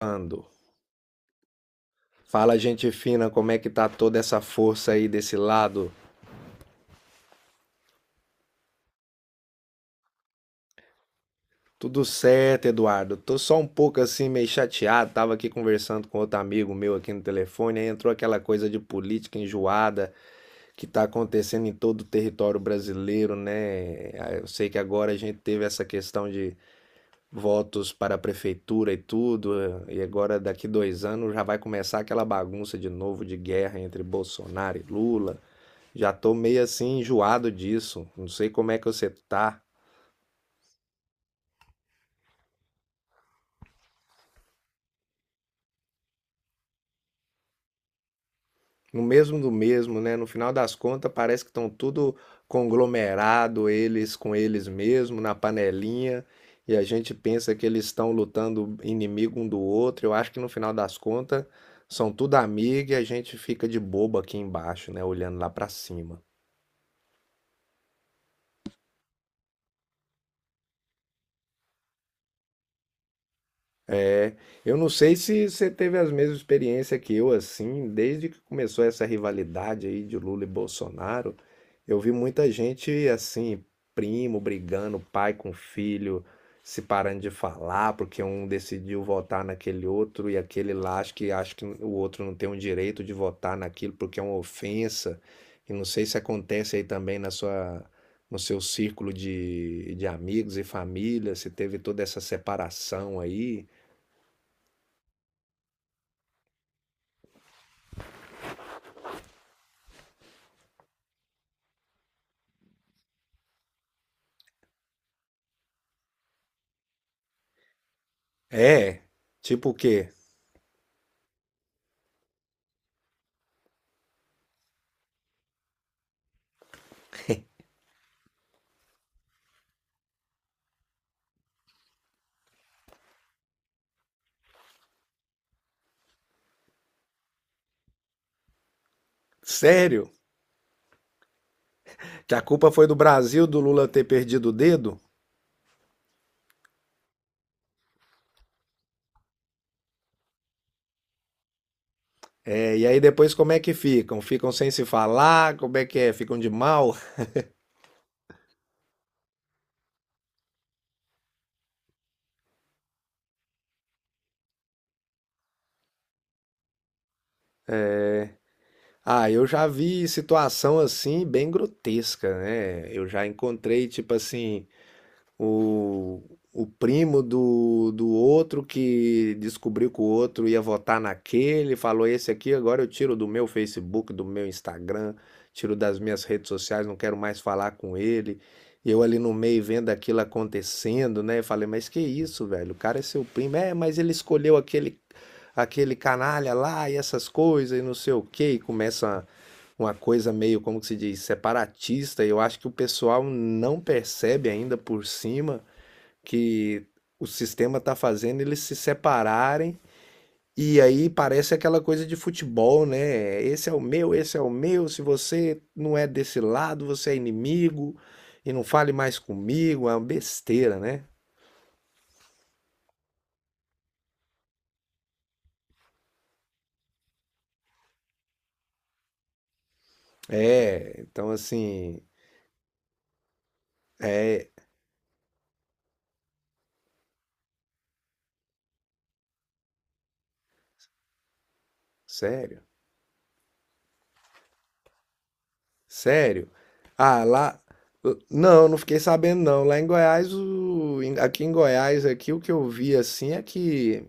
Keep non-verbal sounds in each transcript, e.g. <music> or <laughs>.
Ando. Fala, gente fina, como é que tá toda essa força aí desse lado? Tudo certo, Eduardo. Tô só um pouco assim, meio chateado. Tava aqui conversando com outro amigo meu aqui no telefone, aí entrou aquela coisa de política enjoada que tá acontecendo em todo o território brasileiro, né? Ah, eu sei que agora a gente teve essa questão de votos para a prefeitura e tudo, e agora daqui 2 anos já vai começar aquela bagunça de novo de guerra entre Bolsonaro e Lula. Já tô meio assim enjoado disso. Não sei como é que você tá. No mesmo do mesmo, né? No final das contas, parece que estão tudo conglomerado, eles com eles mesmo, na panelinha, e a gente pensa que eles estão lutando inimigo um do outro. Eu acho que no final das contas são tudo amigo e a gente fica de bobo aqui embaixo, né? Olhando lá pra cima. É, eu não sei se você teve as mesmas experiências que eu, assim, desde que começou essa rivalidade aí de Lula e Bolsonaro, eu vi muita gente, assim, primo brigando, pai com filho, se parando de falar, porque um decidiu votar naquele outro e aquele lá acha que o outro não tem o direito de votar naquilo porque é uma ofensa. E não sei se acontece aí também no seu círculo de amigos e família, se teve toda essa separação aí. É? Tipo o quê? Sério? Que a culpa foi do Brasil do Lula ter perdido o dedo? É, e aí depois como é que ficam? Ficam sem se falar? Como é que é? Ficam de mal? Ah, eu já vi situação assim bem grotesca, né? Eu já encontrei, tipo assim, O, o primo do outro que descobriu que o outro ia votar naquele, falou: Esse aqui agora eu tiro do meu Facebook, do meu Instagram, tiro das minhas redes sociais, não quero mais falar com ele. E eu ali no meio vendo aquilo acontecendo, né? Eu falei: Mas que isso, velho? O cara é seu primo. É, mas ele escolheu aquele canalha lá e essas coisas e não sei o quê. E começa uma coisa meio, como que se diz, separatista. E eu acho que o pessoal não percebe ainda por cima que o sistema tá fazendo eles se separarem. E aí parece aquela coisa de futebol, né? Esse é o meu, esse é o meu. Se você não é desse lado, você é inimigo e não fale mais comigo. É uma besteira, né? É, então assim, é sério, sério. Ah, lá, não, não fiquei sabendo não. Lá em Goiás, aqui em Goiás, aqui o que eu vi assim é que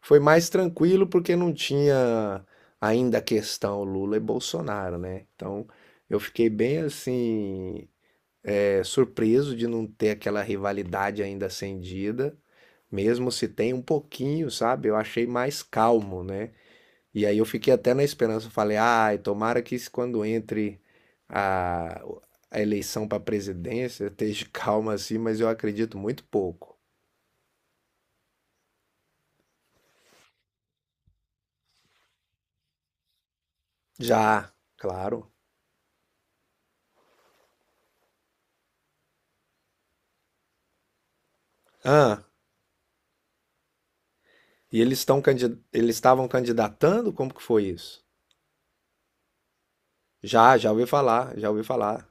foi mais tranquilo porque não tinha ainda a questão Lula e Bolsonaro, né? Então eu fiquei bem assim, é, surpreso de não ter aquela rivalidade ainda acendida, mesmo se tem um pouquinho, sabe? Eu achei mais calmo, né? E aí eu fiquei até na esperança, eu falei, ai, tomara que isso quando entre a, a eleição para presidência esteja <laughs> calma assim, mas eu acredito muito pouco. Já, claro. Ah. E eles estão eles estavam candidatando? Como que foi isso? Já, já ouvi falar. Já ouvi falar.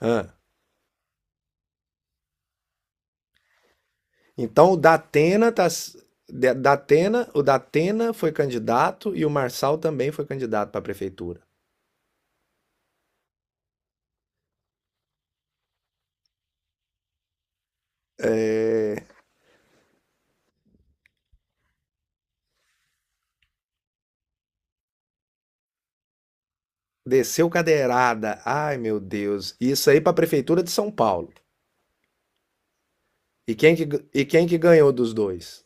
Ah, então o Datena tá o Datena foi candidato e o Marçal também foi candidato para a prefeitura. Desceu cadeirada. Ai, meu Deus. Isso aí para a prefeitura de São Paulo. E quem e quem que ganhou dos dois?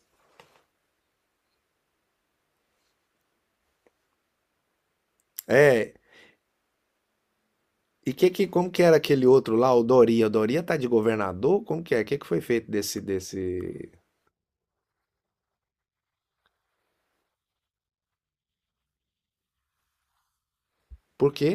É, e que como que era aquele outro lá, o Doria? O Doria tá de governador? Como que é? O que que foi feito desse? Por quê?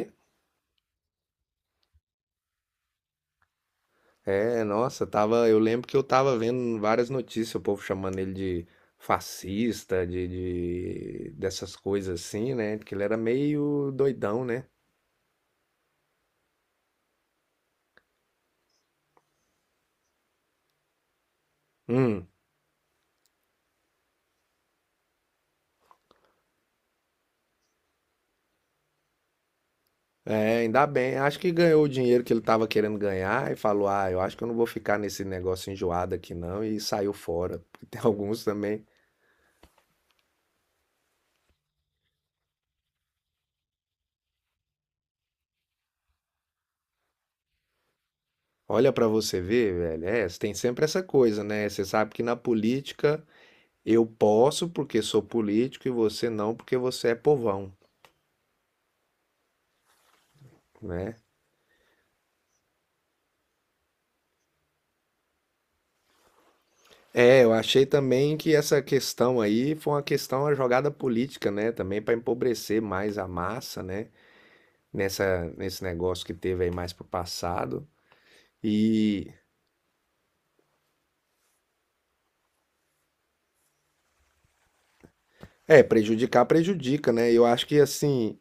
É, nossa, tava, eu lembro que eu tava vendo várias notícias, o povo chamando ele de fascista, dessas coisas assim, né? Porque ele era meio doidão, né? Hum, é, ainda bem. Acho que ganhou o dinheiro que ele tava querendo ganhar e falou: "Ah, eu acho que eu não vou ficar nesse negócio enjoado aqui não" e saiu fora. Porque tem <laughs> alguns também. Olha pra você ver, velho, é, tem sempre essa coisa, né? Você sabe que na política eu posso porque sou político e você não porque você é povão, né? É, eu achei também que essa questão aí foi uma questão, uma jogada política, né? Também para empobrecer mais a massa, né? Nesse negócio que teve aí mais pro passado. e É, prejudicar prejudica, né? Eu acho que assim,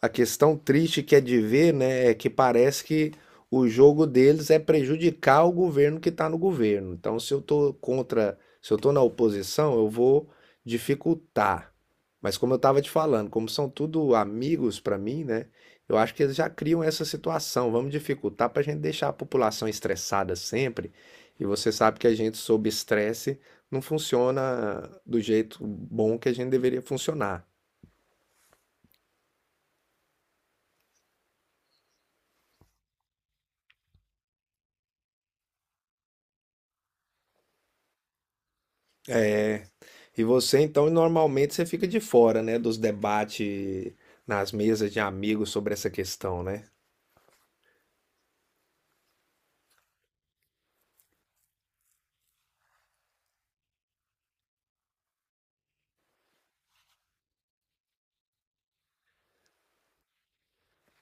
a questão triste que é de ver, né, é que parece que o jogo deles é prejudicar o governo que está no governo. Então, se eu tô contra, se eu tô na oposição, eu vou dificultar. Mas como eu estava te falando, como são tudo amigos para mim, né? Eu acho que eles já criam essa situação. Vamos dificultar para a gente deixar a população estressada sempre. E você sabe que a gente sob estresse não funciona do jeito bom que a gente deveria funcionar. é E você, então, normalmente você fica de fora, né, dos debates nas mesas de amigos sobre essa questão, né?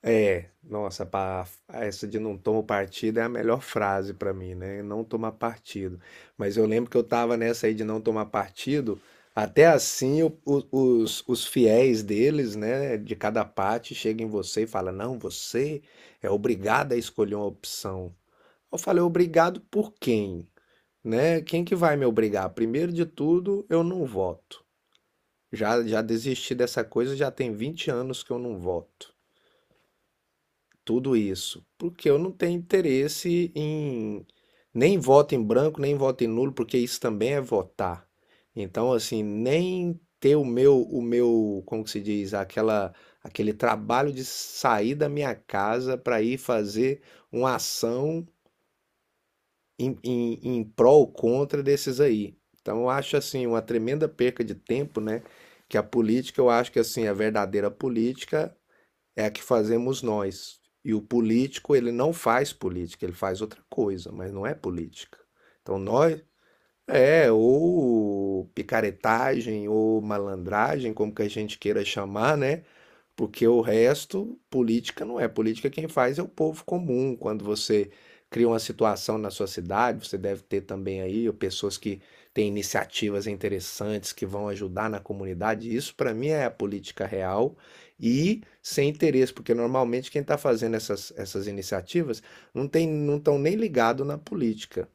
É, nossa, essa de não tomo partido é a melhor frase pra mim, né? Não tomar partido. Mas eu lembro que eu tava nessa aí de não tomar partido, até assim os fiéis deles, né, de cada parte, chegam em você e falam: não, você é obrigado a escolher uma opção. Eu falei, obrigado por quem? Né? Quem que vai me obrigar? Primeiro de tudo, eu não voto. Já, já desisti dessa coisa, já tem 20 anos que eu não voto. Tudo isso. Porque eu não tenho interesse em nem voto em branco, nem voto em nulo, porque isso também é votar. Então, assim, nem ter o meu, como que se diz, aquela, aquele trabalho de sair da minha casa para ir fazer uma ação em prol ou contra desses aí. Então, eu acho assim uma tremenda perca de tempo, né? Que a política, eu acho que assim a verdadeira política é a que fazemos nós. E o político, ele não faz política, ele faz outra coisa, mas não é política. Então, nós é ou picaretagem ou malandragem, como que a gente queira chamar, né? Porque o resto, política não é. Política quem faz é o povo comum. Quando você cria uma situação na sua cidade, você deve ter também aí pessoas que têm iniciativas interessantes que vão ajudar na comunidade. Isso para mim é a política real e sem interesse, porque normalmente quem está fazendo essas iniciativas não tem, não estão nem ligado na política.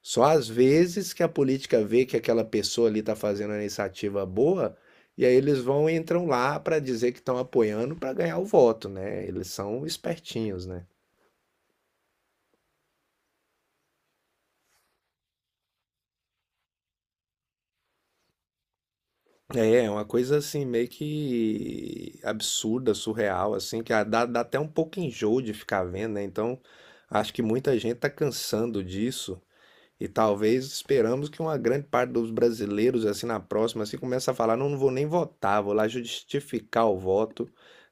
Só às vezes que a política vê que aquela pessoa ali está fazendo uma iniciativa boa, e aí eles vão e entram lá para dizer que estão apoiando para ganhar o voto, né? Eles são espertinhos, né? É, é uma coisa assim meio que absurda, surreal, assim, que ah, dá até um pouco enjoo de ficar vendo, né? Então, acho que muita gente tá cansando disso. E talvez esperamos que uma grande parte dos brasileiros, assim, na próxima, assim, comece a falar, não, não vou nem votar, vou lá justificar o voto,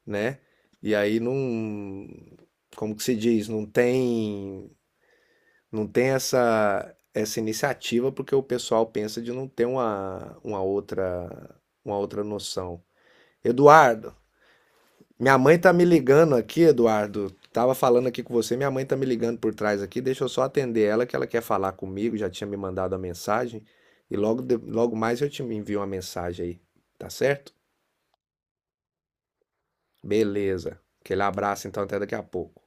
né? E aí não, como que se diz, não tem essa iniciativa porque o pessoal pensa de não ter uma outra noção. Eduardo, minha mãe tá me ligando aqui, Eduardo. Tava falando aqui com você, minha mãe tá me ligando por trás aqui. Deixa eu só atender ela, que ela quer falar comigo. Já tinha me mandado a mensagem. E logo, logo mais eu te envio uma mensagem aí. Tá certo? Beleza. Aquele abraço, então, até daqui a pouco.